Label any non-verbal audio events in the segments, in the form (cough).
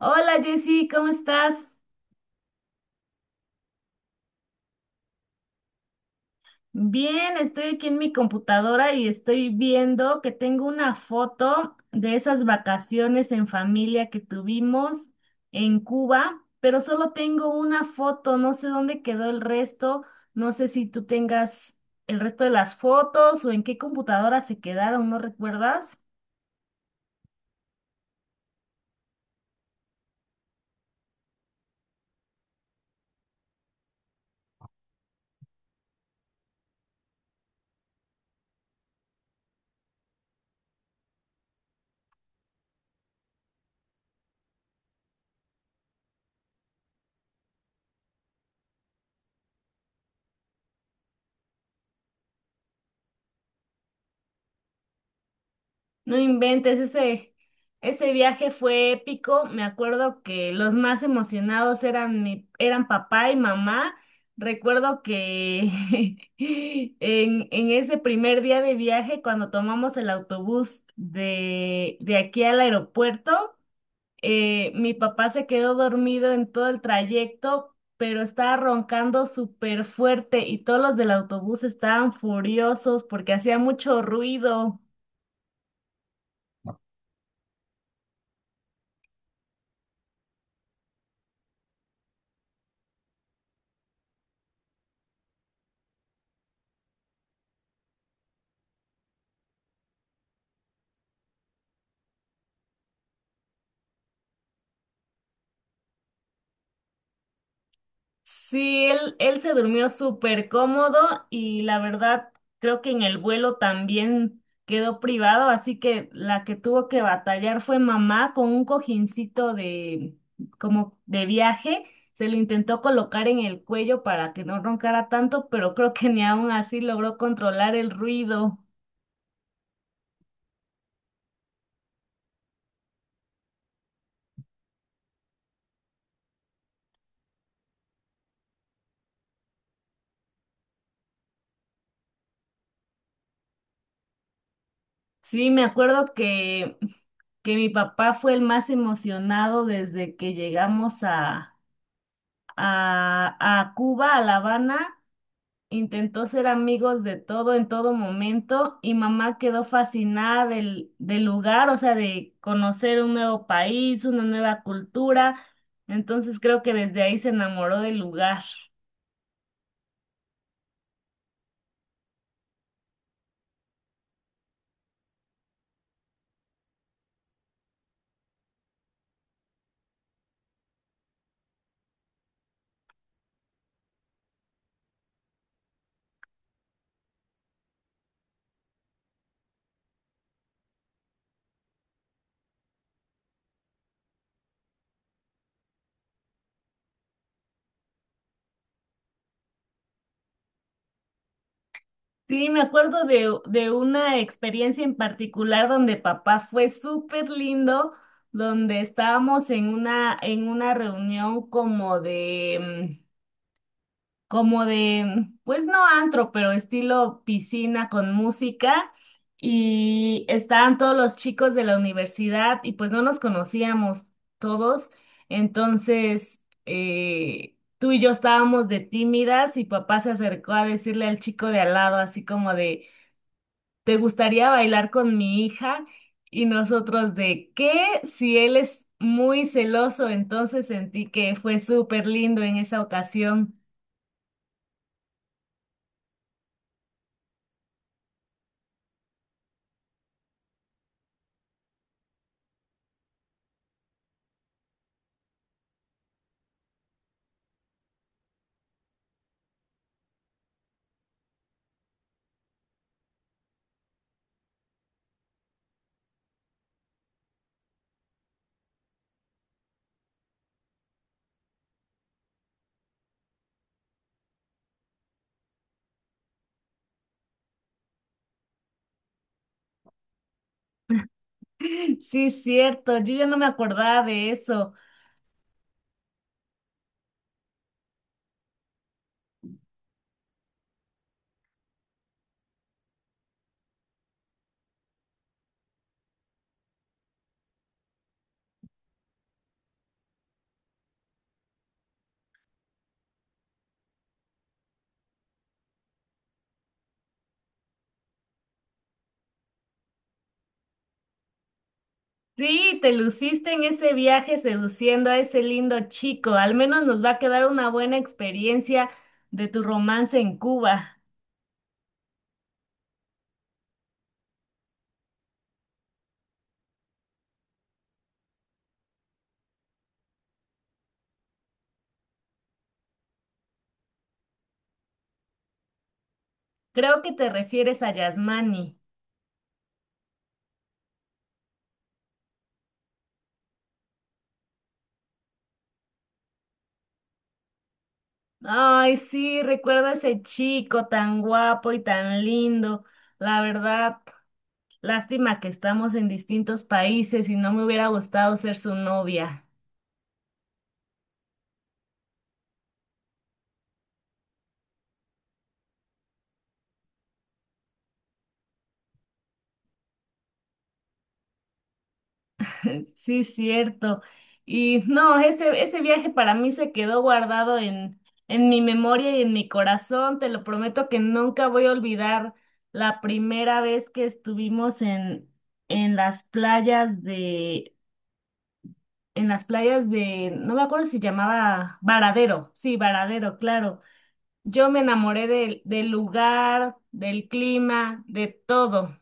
Hola Jessy, ¿cómo estás? Bien, estoy aquí en mi computadora y estoy viendo que tengo una foto de esas vacaciones en familia que tuvimos en Cuba, pero solo tengo una foto, no sé dónde quedó el resto, no sé si tú tengas el resto de las fotos o en qué computadora se quedaron, ¿no recuerdas? No inventes, ese viaje fue épico. Me acuerdo que los más emocionados eran eran papá y mamá. Recuerdo que (laughs) en ese primer día de viaje, cuando tomamos el autobús de aquí al aeropuerto, mi papá se quedó dormido en todo el trayecto, pero estaba roncando súper fuerte y todos los del autobús estaban furiosos porque hacía mucho ruido. Sí, él se durmió súper cómodo y la verdad creo que en el vuelo también quedó privado, así que la que tuvo que batallar fue mamá con un cojincito de como de viaje, se lo intentó colocar en el cuello para que no roncara tanto, pero creo que ni aún así logró controlar el ruido. Sí, me acuerdo que mi papá fue el más emocionado desde que llegamos a, a Cuba, a La Habana. Intentó ser amigos de todo en todo momento y mamá quedó fascinada del lugar, o sea, de conocer un nuevo país, una nueva cultura. Entonces creo que desde ahí se enamoró del lugar. Sí, me acuerdo de una experiencia en particular donde papá fue súper lindo, donde estábamos en en una reunión como de... como de, pues no antro, pero estilo piscina con música. Y estaban todos los chicos de la universidad y pues no nos conocíamos todos. Entonces, tú y yo estábamos de tímidas y papá se acercó a decirle al chico de al lado, así como de, ¿te gustaría bailar con mi hija? Y nosotros de, ¿qué? Si él es muy celoso, entonces sentí que fue súper lindo en esa ocasión. Sí, es cierto, yo ya no me acordaba de eso. Sí, te luciste en ese viaje seduciendo a ese lindo chico. Al menos nos va a quedar una buena experiencia de tu romance en Cuba. Creo que te refieres a Yasmani. Ay, sí, recuerdo a ese chico tan guapo y tan lindo. La verdad, lástima que estamos en distintos países y no me hubiera gustado ser su novia. (laughs) Sí, cierto. Y no, ese viaje para mí se quedó guardado en mi memoria y en mi corazón. Te lo prometo que nunca voy a olvidar la primera vez que estuvimos en las playas de, en las playas de, no me acuerdo si llamaba Varadero. Sí, Varadero, claro. Yo me enamoré del lugar, del clima, de todo.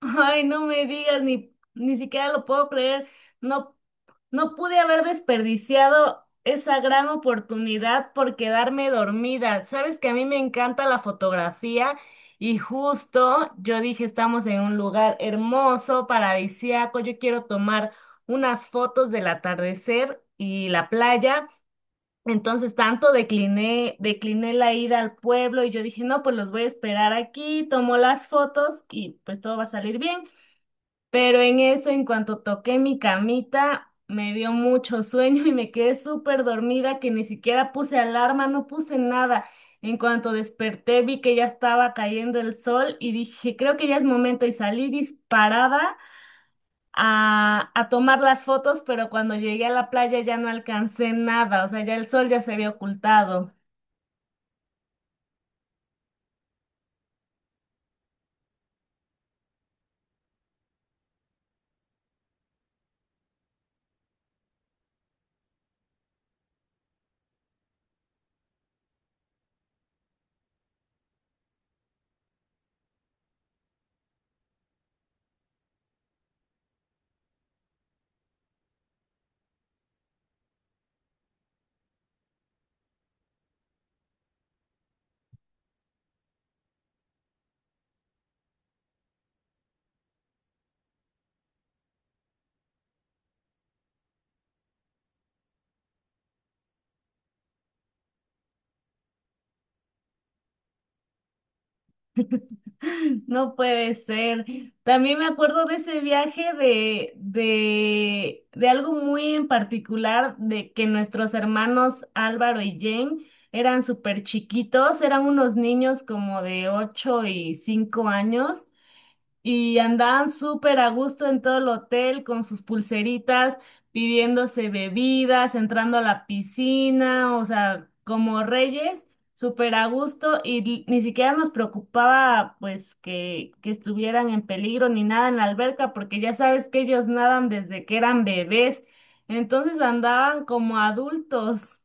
Ay, no me digas, ni siquiera lo puedo creer. No, no pude haber desperdiciado esa gran oportunidad por quedarme dormida. Sabes que a mí me encanta la fotografía y justo yo dije, estamos en un lugar hermoso, paradisíaco. Yo quiero tomar unas fotos del atardecer y la playa. Entonces tanto decliné la ida al pueblo y yo dije, no, pues los voy a esperar aquí, tomo las fotos y pues todo va a salir bien. Pero en eso, en cuanto toqué mi camita, me dio mucho sueño y me quedé súper dormida que ni siquiera puse alarma, no puse nada. En cuanto desperté, vi que ya estaba cayendo el sol y dije, creo que ya es momento y salí disparada a tomar las fotos, pero cuando llegué a la playa ya no alcancé nada, o sea, ya el sol ya se había ocultado. (laughs) No puede ser. También me acuerdo de ese viaje de algo muy en particular, de que nuestros hermanos Álvaro y Jane eran súper chiquitos, eran unos niños como de 8 y 5 años, y andaban súper a gusto en todo el hotel con sus pulseritas, pidiéndose bebidas, entrando a la piscina, o sea, como reyes, súper a gusto y ni siquiera nos preocupaba pues que estuvieran en peligro ni nada en la alberca, porque ya sabes que ellos nadan desde que eran bebés, entonces andaban como adultos.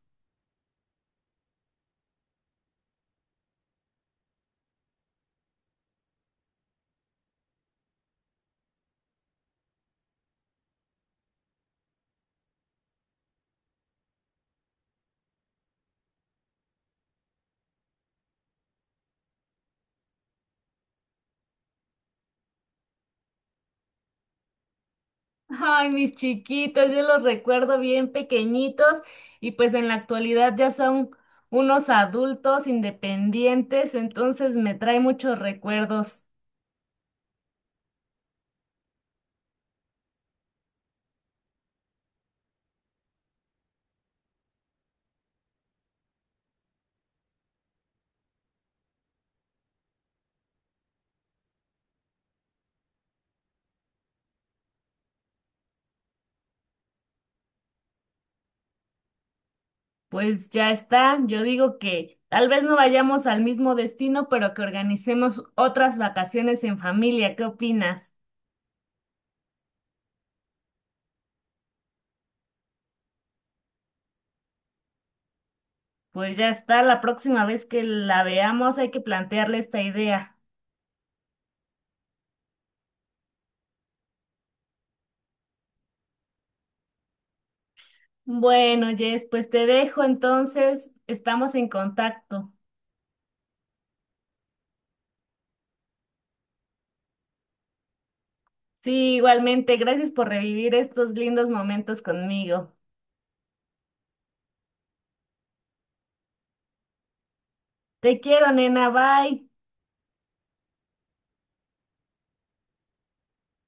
Ay, mis chiquitos, yo los recuerdo bien pequeñitos y pues en la actualidad ya son unos adultos independientes, entonces me trae muchos recuerdos. Pues ya está, yo digo que tal vez no vayamos al mismo destino, pero que organicemos otras vacaciones en familia, ¿qué opinas? Pues ya está, la próxima vez que la veamos hay que plantearle esta idea. Bueno, Jess, pues te dejo entonces, estamos en contacto. Sí, igualmente, gracias por revivir estos lindos momentos conmigo. Te quiero, nena, bye.